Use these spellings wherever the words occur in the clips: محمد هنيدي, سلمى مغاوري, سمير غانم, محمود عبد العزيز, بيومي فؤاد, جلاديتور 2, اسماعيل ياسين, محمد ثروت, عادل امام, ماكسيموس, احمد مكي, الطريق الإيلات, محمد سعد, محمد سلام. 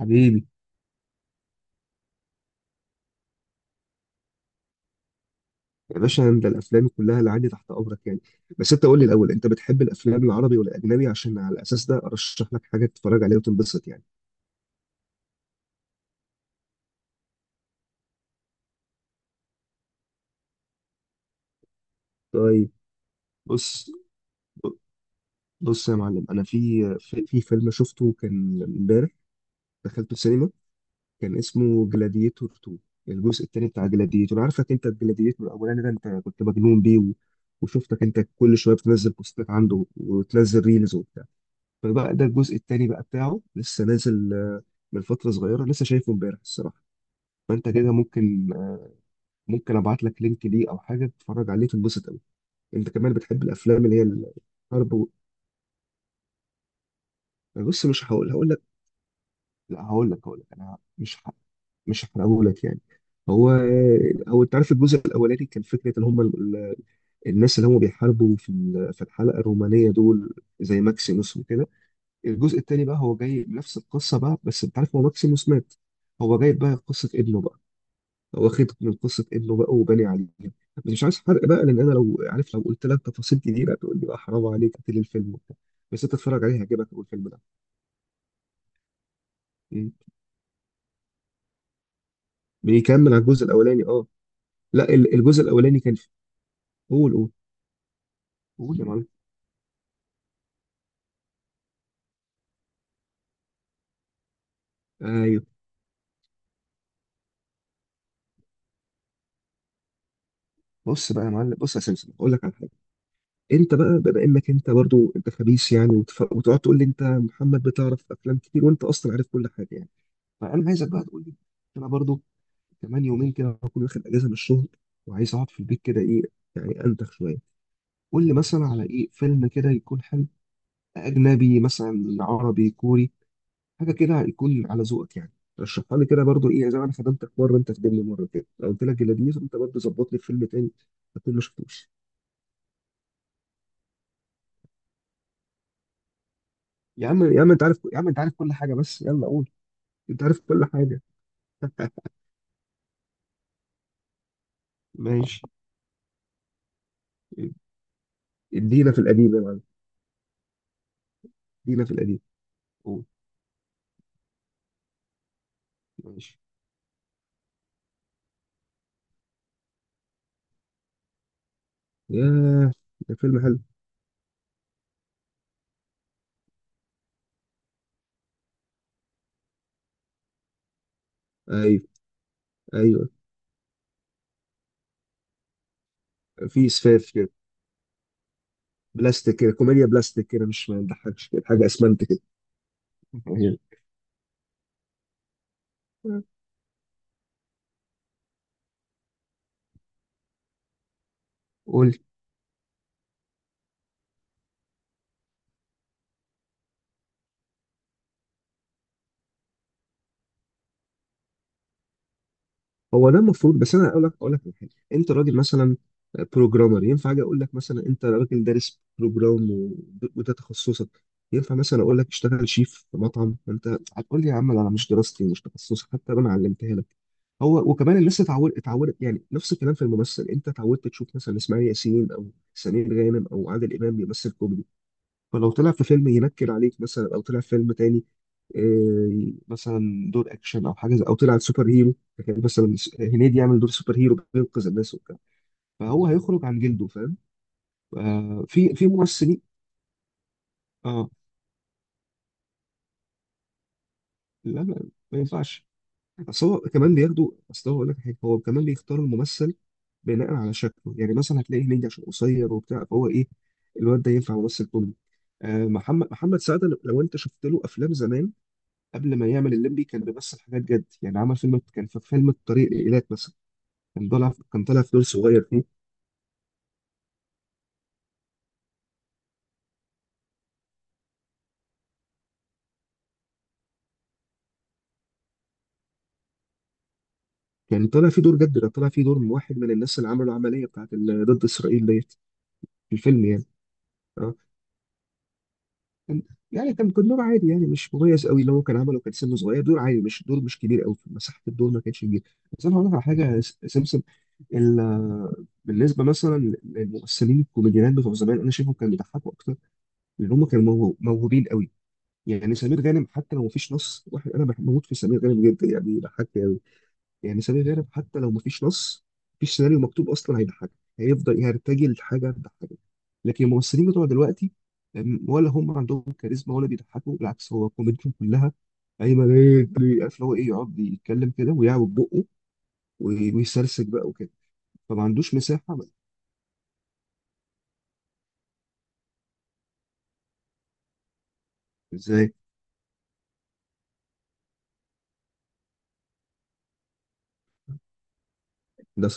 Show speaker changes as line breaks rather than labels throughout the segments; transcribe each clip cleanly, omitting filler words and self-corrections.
حبيبي، يا باشا انت الافلام كلها اللي عندي تحت امرك يعني. بس انت قول لي الاول، انت بتحب الافلام العربي ولا الاجنبي؟ عشان على الاساس ده ارشح لك حاجه تتفرج عليها وتنبسط يعني. طيب. بص، بص يا معلم، انا في فيلم شفته كان امبارح، دخلته السينما. كان اسمه جلاديتور 2، الجزء الثاني بتاع جلاديتور. عارفك انت الجلاديتور الاولاني ده، انت كنت مجنون بيه و... وشفتك انت كل شويه بتنزل بوستات عنده وتنزل ريلز. فبقى ده الجزء التاني بقى بتاعه لسه نازل، من فترة صغيرة، لسه شايفه امبارح الصراحة. فانت كده ممكن، ممكن ابعت لك لينك ليه، او حاجة تتفرج عليه تنبسط قوي. انت كمان بتحب الافلام اللي هي الحرب و... بص، مش هقول لك. لا، هقول لك، هقول لك، انا مش ح... مش هحرقه لك يعني. هو هو انت عارف الجزء الاولاني كان فكره ان هم الناس اللي هم بيحاربوا في ال- في الحلقه الرومانيه دول، زي ماكسيموس وكده. الجزء التاني بقى هو جاي نفس القصه بقى، بس انت عارف هو ماكسيموس مات، هو جايب بقى قصه ابنه بقى. هو واخد من قصه ابنه بقى وباني عليها. بس مش عايز حرق بقى، لان انا لو عارف، لو قلت لك تفاصيل كتيره تقول لي بقى حرام عليك قتل الفيلم وبتاع. بس انت تتفرج عليه هيعجبك اول الفيلم ده. مم. بيكمل على الجزء الاولاني، اه. لا، ال- الجزء الاولاني كان في، قول قول. قول يا معلم. ايوه. بص بقى يا معلم، بص يا سمسم، اقول لك على حاجه. انت بقى بما انك انت برضو انت خبيث يعني، وتف... وتقعد تقول لي انت محمد بتعرف افلام كتير، وانت اصلا عارف كل حاجه يعني. فانا عايزك بقى تقول لي، انا برضو كمان يومين كده هكون واخد اجازه من الشغل، وعايز اقعد في البيت كده، ايه يعني، انتخ شويه. قول لي مثلا على ايه فيلم كده يكون حلو، اجنبي مثلا، عربي، كوري، حاجه كده يكون على ذوقك يعني. رشحها لي كده برضو، ايه زي ما انا خدمتك مره انت خدمني مره كده، لو قلت لك جلاديز انت برضو ظبط لي فيلم تاني اكون ما شفتوش. يا عم، يا عم انت عارف، يا عم انت عارف كل حاجه، بس يلا قول. انت عارف كل حاجه. ماشي. ادينا في القديم يا معلم، ادينا في القديم. قول. ماشي. ياه. ده فيلم حلو. ايوه. ايوه. في اسفاف كده. بلاستيك كده، كوميديا بلاستيك كده، مش ما بنضحكش كده، حاجه اسمنت كده. هي. قول لي، هو ده المفروض. بس انا اقول لك على حاجه. انت راجل مثلا بروجرامر، ينفع اجي اقول لك مثلا انت راجل دارس بروجرام و- وده تخصصك، ينفع مثلا اقول لك اشتغل شيف في مطعم؟ انت هتقول لي يا عم لا، انا مش دراستي مش تخصصي، حتى لو انا علمتها لك. هو وكمان الناس اتعودت يعني، نفس الكلام في الممثل، انت اتعودت تشوف مثلا اسماعيل ياسين او سمير غانم او عادل امام بيمثل كوميدي. فلو طلع في فيلم ينكر عليك مثلا، او طلع في فيلم تاني، مثلا دور اكشن او حاجه زي- او طلع سوبر هيرو، لكن مثلا س- هنيدي يعمل دور سوبر هيرو بينقذ الناس وبتاع، فهو هيخرج عن جلده، فاهم؟ في في ممثلين. اه. لا، لا، ما ينفعش. اصل هو كمان بياخدوا، اصل هو اقول لك حاجه، هو كمان بيختار الممثل بناء على شكله، يعني مثلا هتلاقي هنيدي عشان قصير وبتاع، فهو ايه، الواد ده ينفع ممثل كوميدي. محمد سعد، لو انت شفت له افلام زمان قبل ما يعمل الليمبي، كان بيمثل حاجات جد يعني. عمل فيلم، كان في فيلم الطريق الإيلات مثلا، كان طالع في دور صغير فيه. كان طالع فيه دور جد، كان طالع فيه دور من واحد من الناس اللي عملوا العملية بتاعت ال- ضد إسرائيل ديت في الفيلم يعني. اه كان- يعني كان دور عادي يعني، مش مميز قوي اللي هو كان عمله، كان سنه صغير، دور عادي، مش دور، مش كبير قوي، مساحة الدور ما كانتش كبيرة. بس أنا هقول لك على حاجة يا س- سمسم، ال- بالنسبة مثلا للممثلين الكوميديانات بتوع زمان أنا شايفهم كانوا بيضحكوا أكتر، لأن هم كانوا موهو- موهوبين قوي. يعني سمير غانم، حتى لو مفيش نص واحد انا بحب بموت في سمير غانم جدا، يعني بيضحكني قوي. يعني سمير غانم حتى لو مفيش نص، مفيش سيناريو مكتوب، اصلا هيضحكك، هيفضل يرتجل لحاجه تضحكك. لكن الممثلين بتوع دلوقتي، ولا هم عندهم كاريزما ولا بيضحكوا، بالعكس هو كوميديتهم كلها ايمن ايه بي- عارف اللي هو ايه، يقعد يتكلم كده ويعوج بقه، وي- ويسرسج بقى وكده، فما عندوش مساحه. ازاي؟ ده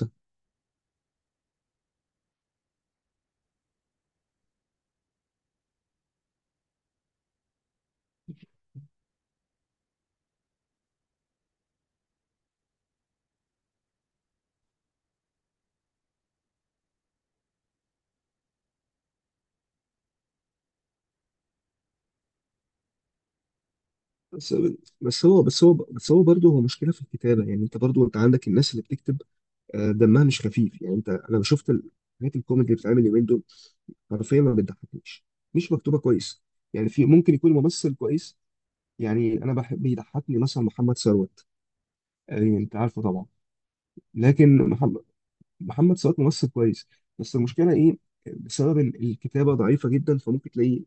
بس، بس هو برضه هو مشكله في الكتابه يعني. انت برضه انت عندك الناس اللي بتكتب دمها مش خفيف يعني، انت انا شفت الحاجات الكوميدي اللي بتتعمل اليومين دول حرفيا ما بتضحكنيش، مش مكتوبه كويس. يعني في ممكن يكون ممثل كويس، يعني انا بحب بيضحكني مثلا محمد ثروت، يعني انت عارفه طبعا. لكن محمد، محمد ثروت ممثل كويس، بس المشكله ايه، بسبب ال- الكتابه ضعيفه جدا، فممكن تلاقيه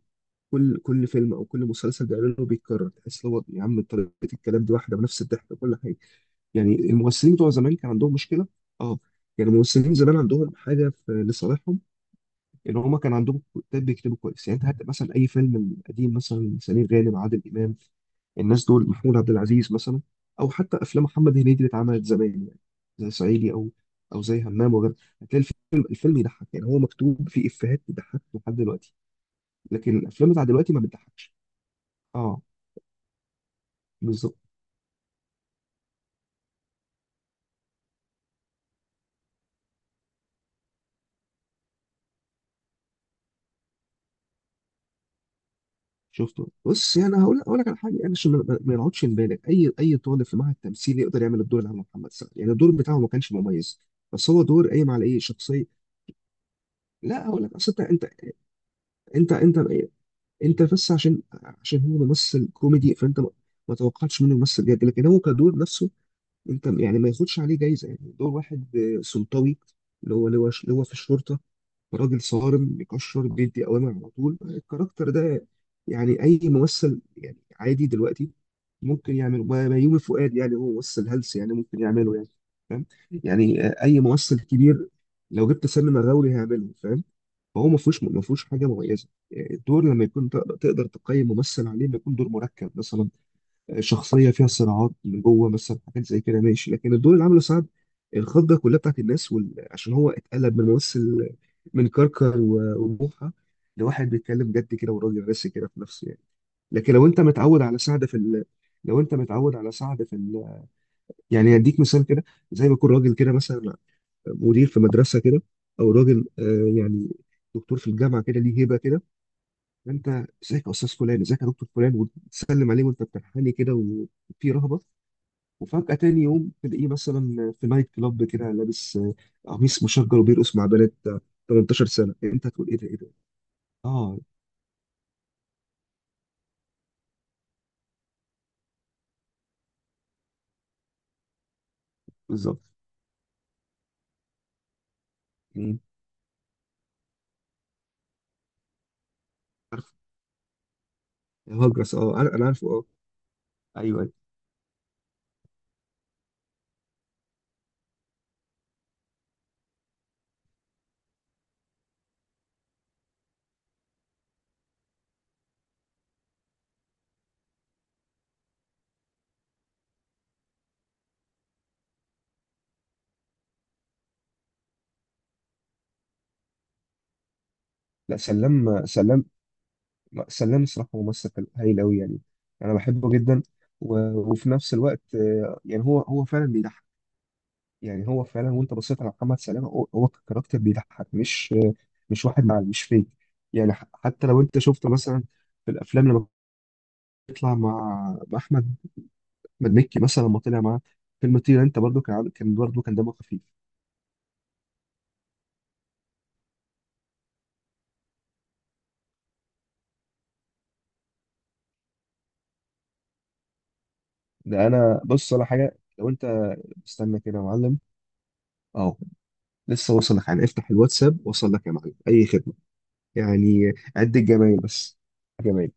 كل فيلم او كل مسلسل بيعمله بيتكرر، تحس اللي هو يا عم طريقه الكلام دي واحده بنفس الضحك وكل حاجه. يعني الممثلين بتوع زمان كان عندهم مشكله، اه. يعني الممثلين زمان عندهم حاجه في لصالحهم، ان هم كان عندهم كتاب بيكتبوا كويس. يعني انت هات مثلا اي فيلم قديم، مثلا سمير غانم، عادل امام، الناس دول، محمود عبد العزيز مثلا، او حتى افلام محمد هنيدي اللي اتعملت زمان، يعني زي صعيدي او، او زي همام وغيره، هتلاقي الفيلم يضحك يعني، هو مكتوب فيه افيهات تضحك لحد دلوقتي. لكن الافلام بتاع دلوقتي ما بتضحكش. اه. بالظبط. شفته. بص يعني هقول، هقول لك على حاجه، يعني عشان ما نقعدش نبالغ، اي طالب في معهد تمثيل يقدر يعمل الدور اللي عمله محمد سعد يعني، الدور بتاعه ما كانش مميز، بس هو دور قايم على ايه، شخصيه. لا هقول لك، اصل انت انت، انت انت انت بس عشان هو ممثل كوميدي، فانت ما توقعتش منه ممثل جد، لكن هو كدور نفسه، انت يعني ما ياخدش عليه جايزه يعني، دور واحد سلطوي، اللي هو اللي هو اللي هو في الشرطه، راجل صارم بيكشر بيدي اوامر على طول، الكاركتر ده يعني اي ممثل، يعني عادي دلوقتي ممكن يعمله، ما- بيومي فؤاد يعني، هو ممثل هلس يعني ممكن يعمله يعني، فاهم؟ يعني اي ممثل كبير لو جبت سلمى مغاوري هيعمله، فاهم؟ فهو ما فيهوش حاجه مميزه. الدور لما يكون تقدر تقيم ممثل عليه، ما يكون دور مركب مثلا، شخصيه فيها صراعات من جوه مثلا، حاجات زي كده ماشي. لكن الدور اللي عمله سعد، الخضه كلها بتاعت الناس، وال... عشان هو اتقلب من ممثل، من كركر و- وبوحه، لواحد بيتكلم جد كده وراجل راسي كده في نفسه يعني. لكن لو انت متعود على سعد في ال... لو انت متعود على سعد في ال... يعني هديك مثال كده، زي ما يكون راجل كده مثلا مدير في مدرسه كده، او راجل يعني دكتور في الجامعه كده، ليه هيبه كده، انت ازيك يا استاذ فلان، ازيك يا دكتور فلان، وتسلم عليه وانت بتنحني كده وفي رهبه، وفجأة تاني يوم تلاقيه مثلا في نايت كلاب كده لابس قميص مشجر وبيرقص مع بنات 18 سنة، يعني انت هتقول ايه ده ايه ده؟ اه. بالظبط. مين؟ عارف. هاجرس، اه انا عارفه، اه. ايوه. أيوة. لا، سلام. سلام. لا، سلام الصراحة ممثل حلو- هايل قوي يعني، انا بحبه جدا، و... وفي نفس الوقت، يعني هو فعلا بيضحك يعني. هو فعلا، وانت بصيت على محمد سلام هو كاركتر بيضحك مش مش واحد معاه مش فيك يعني. ح- حتى لو انت شفته مثلا في الافلام لما يطلع مع، مع احمد مكي مثلا، لما طلع معاه فيلم طير انت، برضو كان عامل- كان برضو كان دمه خفيف. ده انا بص على حاجه لو انت، استنى كده يا معلم، اهو، لسه وصل لك يعني، افتح الواتساب وصل لك يا معلم، اي خدمه يعني، عد الجمايل بس، جمايل.